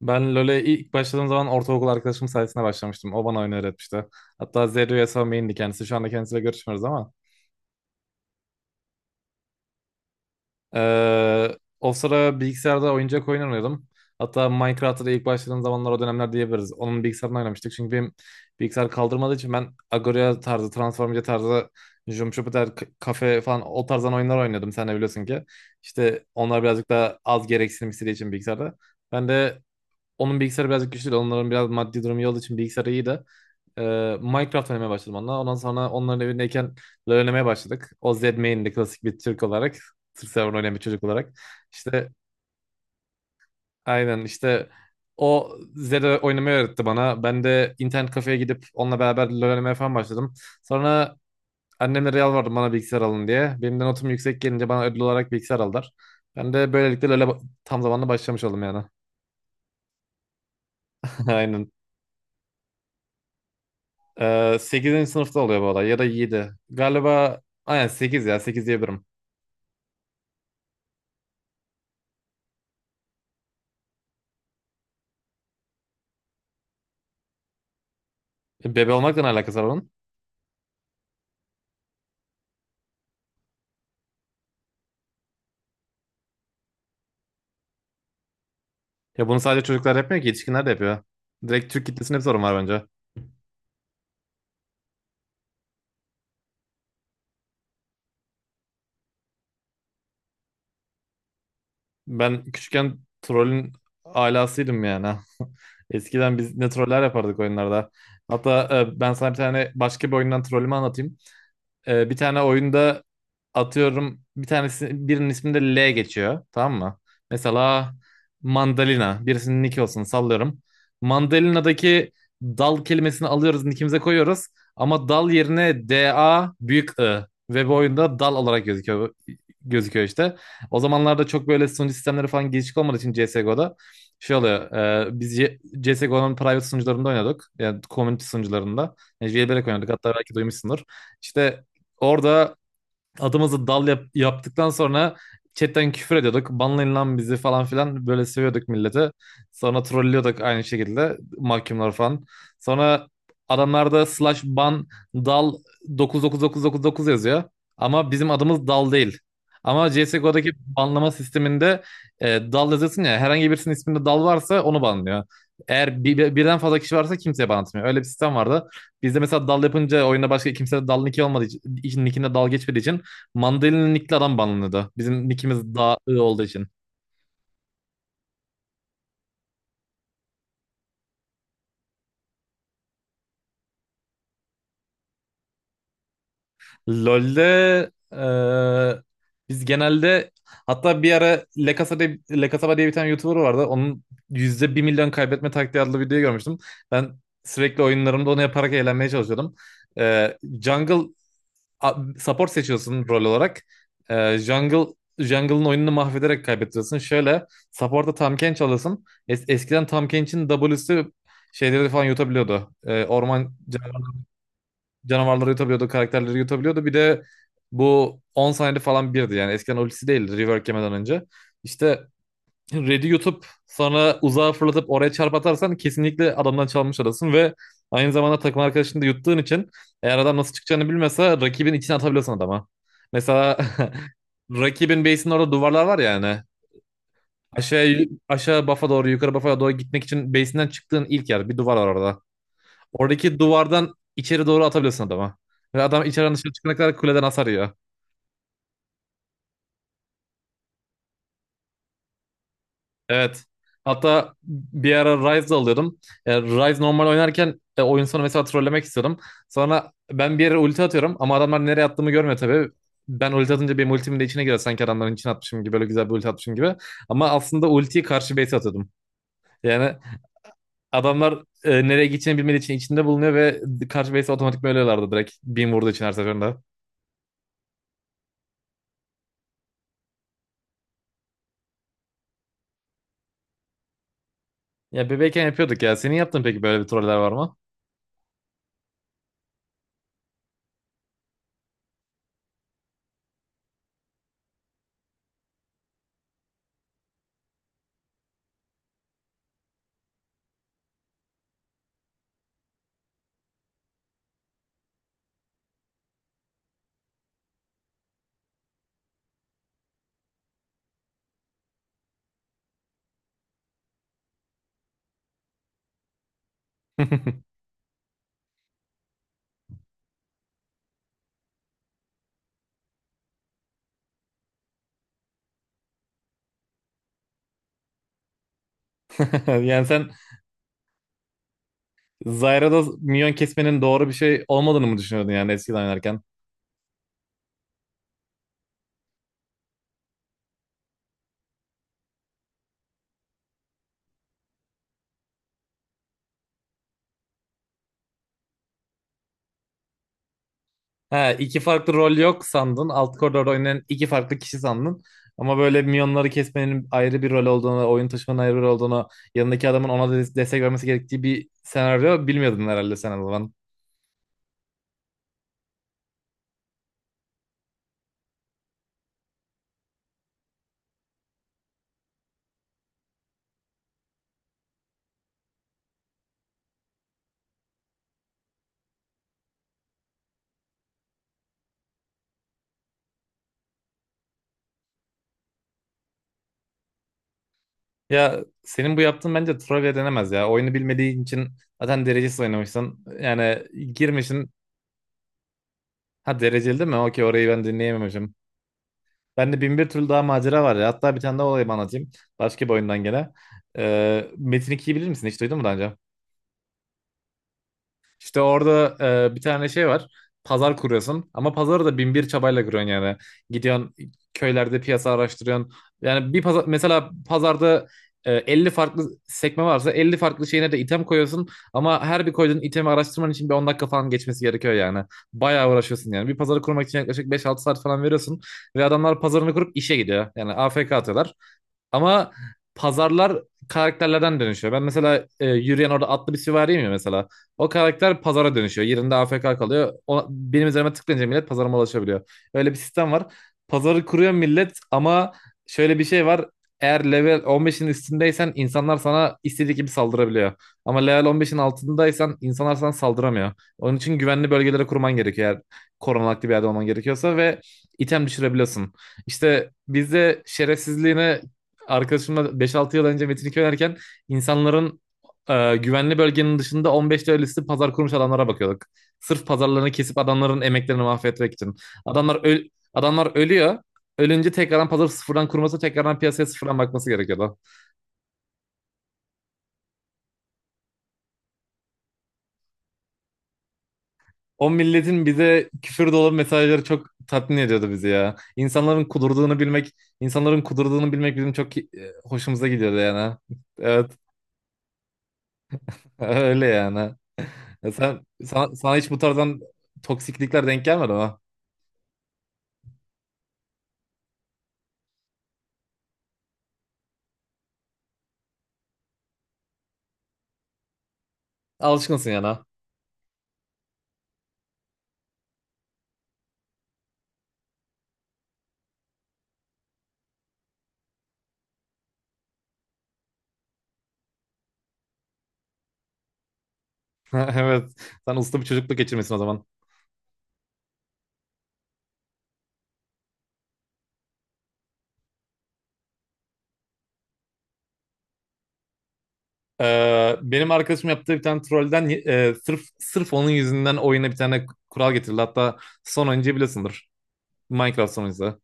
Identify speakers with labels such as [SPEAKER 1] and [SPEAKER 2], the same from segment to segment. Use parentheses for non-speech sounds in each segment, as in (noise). [SPEAKER 1] Ben LoL'e ilk başladığım zaman ortaokul arkadaşım sayesinde başlamıştım. O bana oyunu öğretmişti. Hatta Zeri Yasuo main'di kendisi. Şu anda kendisiyle görüşmüyoruz ama. O sıra bilgisayarda oyuncak oyun oynuyordum. Hatta Minecraft'ta da ilk başladığım zamanlar o dönemler diyebiliriz. Onun bilgisayarını oynamıştık. Çünkü benim bilgisayar kaldırmadığı için ben Agoria tarzı, Transformace tarzı, Jump Kafe falan o tarzdan oyunlar oynuyordum. Sen de biliyorsun ki. İşte onlar birazcık daha az gereksinim istediği için bilgisayarda. Ben de onun bilgisayarı birazcık güçlü değil. Onların biraz maddi durumu iyi olduğu için bilgisayarı iyi de. Ee, Minecraft oynamaya başladım onunla. Ondan sonra onların evindeyken LoL oynamaya başladık. O Z main'de klasik bir Türk olarak. Türk server oynayan bir çocuk olarak. İşte aynen işte o Zed'e oynamayı öğretti bana. Ben de internet kafeye gidip onunla beraber LoL oynamaya falan başladım. Sonra annemle Real vardı bana bilgisayar alın diye. Benim de notum yüksek gelince bana ödül olarak bilgisayar aldılar. Ben de böylelikle LoL'e tam zamanlı başlamış oldum yani. (laughs) Aynen. 8. sınıfta oluyor bu olay ya da 7. Galiba aynen 8 ya 8 diyebilirim. Bebe olmakla ne alakası var onun? Ya bunu sadece çocuklar yapmıyor ki yetişkinler de yapıyor. Direkt Türk kitlesinde bir sorun var bence. Ben küçükken trollün alasıydım yani. (laughs) Eskiden biz ne troller yapardık oyunlarda. Hatta ben sana bir tane başka bir oyundan trollümü anlatayım. Bir tane oyunda atıyorum, bir tanesi birinin isminde L geçiyor, tamam mı? Mesela mandalina birisinin nick olsun, sallıyorum. Mandalina'daki dal kelimesini alıyoruz, nickimize koyuyoruz ama dal yerine DA büyük I, ve bu oyunda dal olarak gözüküyor işte. O zamanlarda çok böyle sunucu sistemleri falan gelişik olmadığı için CSGO'da şey oluyor. Biz CSGO'nun private sunucularında oynadık. Yani community sunucularında. Yani jailbreak oynadık. Hatta belki duymuşsundur. İşte orada adımızı dal yaptıktan sonra chatten küfür ediyorduk. Banlayın lan bizi falan filan, böyle seviyorduk milleti. Sonra trollüyorduk aynı şekilde, mahkumlar falan. Sonra adamlarda slash ban dal 99999 yazıyor. Ama bizim adımız dal değil. Ama CSGO'daki banlama sisteminde e, dal yazıyorsun ya, herhangi birisinin isminde dal varsa onu banlıyor. Eğer birden fazla kişi varsa kimseye ban atmıyor. Öyle bir sistem vardı. Bizde mesela dal yapınca oyunda başka kimse de dal nicki olmadığı için, nickinde dal geçmediği için Mandalina nickli adam banlanıyordu. Bizim nickimiz daha ı olduğu için. LoL'de biz genelde, hatta bir ara Le Casa de, Le Casaba diye bir tane YouTuber vardı. Onun %1.000.000 kaybetme taktiği adlı videoyu görmüştüm. Ben sürekli oyunlarımda onu yaparak eğlenmeye çalışıyordum. Jungle support seçiyorsun rol olarak. Ee, jungle Jungle'ın oyununu mahvederek kaybettiriyorsun. Şöyle support'a Tahm çalasın. Eskiden Tahm Kench'in W'si şeyleri falan yutabiliyordu. Orman canavarları yutabiliyordu, karakterleri yutabiliyordu. Bir de bu 10 saniyede falan birdi yani. Eskiden ultisi değildi rework yemeden önce. İşte Red'i yutup sonra uzağa fırlatıp oraya çarp atarsan kesinlikle adamdan çalmış olasın, ve aynı zamanda takım arkadaşını da yuttuğun için eğer adam nasıl çıkacağını bilmese rakibin içine atabiliyorsun adama. Mesela (laughs) rakibin base'inin orada duvarlar var ya hani. Aşağı, aşağı bafa doğru, yukarı bafa doğru gitmek için base'inden çıktığın ilk yer bir duvar var orada. Oradaki duvardan içeri doğru atabiliyorsun adama. Ve adam içeriden dışarı çıkana kadar kuleden hasar yiyor. Evet. Hatta bir ara Rise alıyordum. Rise normal oynarken oyun sonu mesela trollemek istiyordum. Sonra ben bir yere ulti atıyorum ama adamlar nereye attığımı görmüyor tabii. Ben ulti atınca benim ultimin de içine giriyor. Sanki adamların içine atmışım gibi, böyle güzel bir ulti atmışım gibi. Ama aslında ultiyi karşı base atıyordum. Yani adamlar nereye gideceğini bilmediği için içinde bulunuyor ve karşı base otomatik ölüyorlardı direkt. Beam vurduğu için her seferinde. Ya bebekken yapıyorduk ya. Senin yaptığın peki böyle bir troller var mı? (laughs) Yani sen Zyra'da minyon kesmenin doğru bir şey olmadığını mı düşünüyordun yani eskiden oynarken? He, iki farklı rol yok sandın. Alt koridorda oynayan iki farklı kişi sandın. Ama böyle minyonları kesmenin ayrı bir rol olduğunu, oyun taşımanın ayrı bir rol olduğunu, yanındaki adamın ona destek vermesi gerektiği bir senaryo bilmiyordun herhalde sen o zaman. Ya senin bu yaptığın bence trivia denemez ya. Oyunu bilmediğin için zaten derecesiz oynamışsın. Yani girmişsin. Ha, dereceli değil mi? Okey, orayı ben dinleyememişim. Bende bin bir türlü daha macera var ya. Hatta bir tane daha olayı anlatayım. Başka bir oyundan gene. Metin 2'yi bilir misin? Hiç duydun mu daha önce? İşte orada bir tane şey var. Pazar kuruyorsun ama pazarı da bin bir çabayla kuruyorsun yani. Gidiyorsun köylerde piyasa araştırıyorsun. Yani bir pazar, mesela pazarda 50 farklı sekme varsa 50 farklı şeyine de item koyuyorsun. Ama her bir koyduğun itemi araştırman için bir 10 dakika falan geçmesi gerekiyor yani. Bayağı uğraşıyorsun yani. Bir pazarı kurmak için yaklaşık 5-6 saat falan veriyorsun. Ve adamlar pazarını kurup işe gidiyor. Yani AFK atıyorlar. Ama pazarlar karakterlerden dönüşüyor. Ben mesela yürüyen orada atlı bir süvariyim ya mesela. O karakter pazara dönüşüyor. Yerinde AFK kalıyor. O, benim üzerime tıklayınca millet pazarıma ulaşabiliyor. Öyle bir sistem var. Pazarı kuruyor millet ama şöyle bir şey var. Eğer level 15'in üstündeysen insanlar sana istediği gibi saldırabiliyor. Ama level 15'in altındaysan insanlar sana saldıramıyor. Onun için güvenli bölgelere kurman gerekiyor, eğer korunaklı bir yerde olman gerekiyorsa, ve item düşürebiliyorsun. İşte bizde şerefsizliğine arkadaşımla 5-6 yıl önce Metin 2 oynarken insanların güvenli bölgenin dışında 15 lirası pazar kurmuş adamlara bakıyorduk. Sırf pazarlarını kesip adamların emeklerini mahvetmek için. Adamlar öl adamlar ölüyor. Ölünce tekrardan pazar sıfırdan kurması, tekrardan piyasaya sıfırdan bakması gerekiyordu. O milletin bize küfür dolu mesajları çok tatmin ediyordu bizi ya. İnsanların kudurduğunu bilmek bizim çok hoşumuza gidiyordu yani. (laughs) Evet, öyle yani. Ya sana hiç bu tarzdan toksiklikler denk gelmedi ama. Alışkınsın yani ha. (laughs) Evet. Sen usta bir çocukluk geçirmesin o zaman. Benim arkadaşım yaptığı bir tane trollden sırf onun yüzünden oyuna bir tane kural getirildi. Hatta son oyuncuyu biliyorsundur. Minecraft son oyuncusu.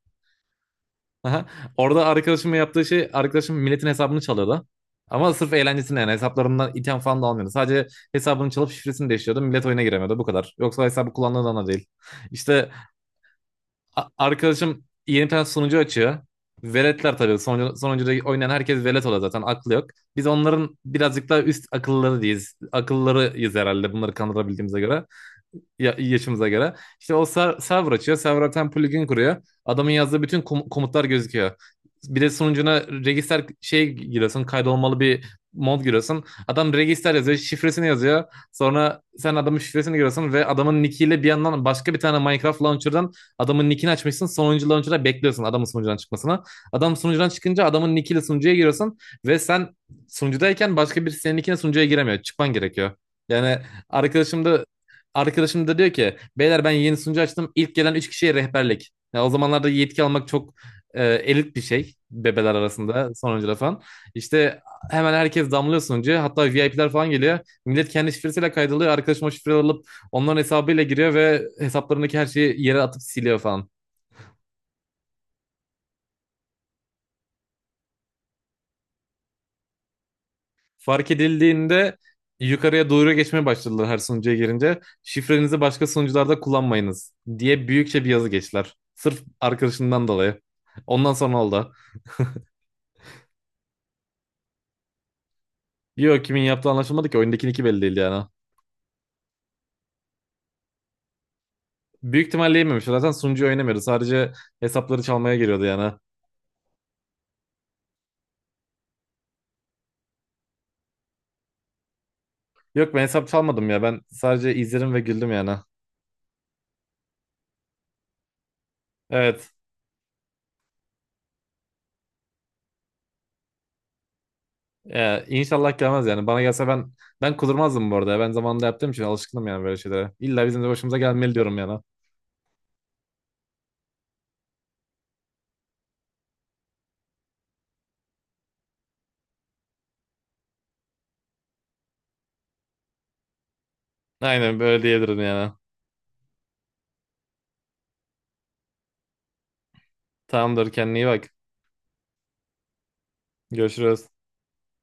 [SPEAKER 1] Aha. Orada arkadaşımın yaptığı şey arkadaşım milletin hesabını çalıyordu. Ama sırf eğlencesine yani, hesaplarından item falan da almıyordu. Sadece hesabını çalıp şifresini değiştiriyordu. Millet oyuna giremiyordu bu kadar. Yoksa hesabı kullandığından da değil. İşte arkadaşım yeni bir tane sunucu açıyor. Veletler tabii. Sunucuda oynayan herkes velet oluyor zaten. Aklı yok. Biz onların birazcık daha üst akılları değiliz. Akıllarıyız herhalde, bunları kandırabildiğimize göre yaşımıza göre. İşte o server açıyor. Server'a bir plugin kuruyor. Adamın yazdığı bütün komutlar gözüküyor. Bir de sunucuna register şey giriyorsun. Kaydolmalı bir mod giriyorsun. Adam register yazıyor. Şifresini yazıyor. Sonra sen adamın şifresini giriyorsun ve adamın nickiyle bir yandan başka bir tane Minecraft launcher'dan adamın nickini açmışsın. Sonuncu launcher'da bekliyorsun adamın sunucudan çıkmasını. Adam sunucudan çıkınca adamın nickiyle sunucuya giriyorsun ve sen sunucudayken başka birisi senin nickine sunucuya giremiyor. Çıkman gerekiyor. Yani arkadaşım da arkadaşım da diyor ki beyler, ben yeni sunucu açtım. İlk gelen 3 kişiye rehberlik. Ya o zamanlarda yetki almak çok elit bir şey bebeler arasında sonuncuda falan. İşte hemen herkes damlıyor sunucuya. Hatta VIP'ler falan geliyor. Millet kendi şifresiyle kaydoluyor. Arkadaşım o şifreleri alıp onların hesabıyla giriyor ve hesaplarındaki her şeyi yere atıp siliyor falan. Fark edildiğinde yukarıya doğru geçmeye başladılar her sunucuya girince. Şifrenizi başka sunucularda kullanmayınız diye büyükçe bir yazı geçtiler. Sırf arkadaşından dolayı. Ondan sonra oldu. Yok, kimin yaptığı anlaşılmadı ki oyundakinin iki belli değil yani. Büyük ihtimalle yememiş. Zaten sunucu oynamıyordu. Sadece hesapları çalmaya geliyordu yani. Yok, ben hesap çalmadım ya. Ben sadece izledim ve güldüm yani. Evet. Ya, inşallah gelmez yani. Bana gelse ben kudurmazdım bu arada, ya. Ben zamanında yaptığım için alışkınım yani böyle şeylere. İlla bizim de başımıza gelmeli diyorum yani. Aynen böyle diyebilirim yani. Tamamdır, kendine iyi bak. Görüşürüz.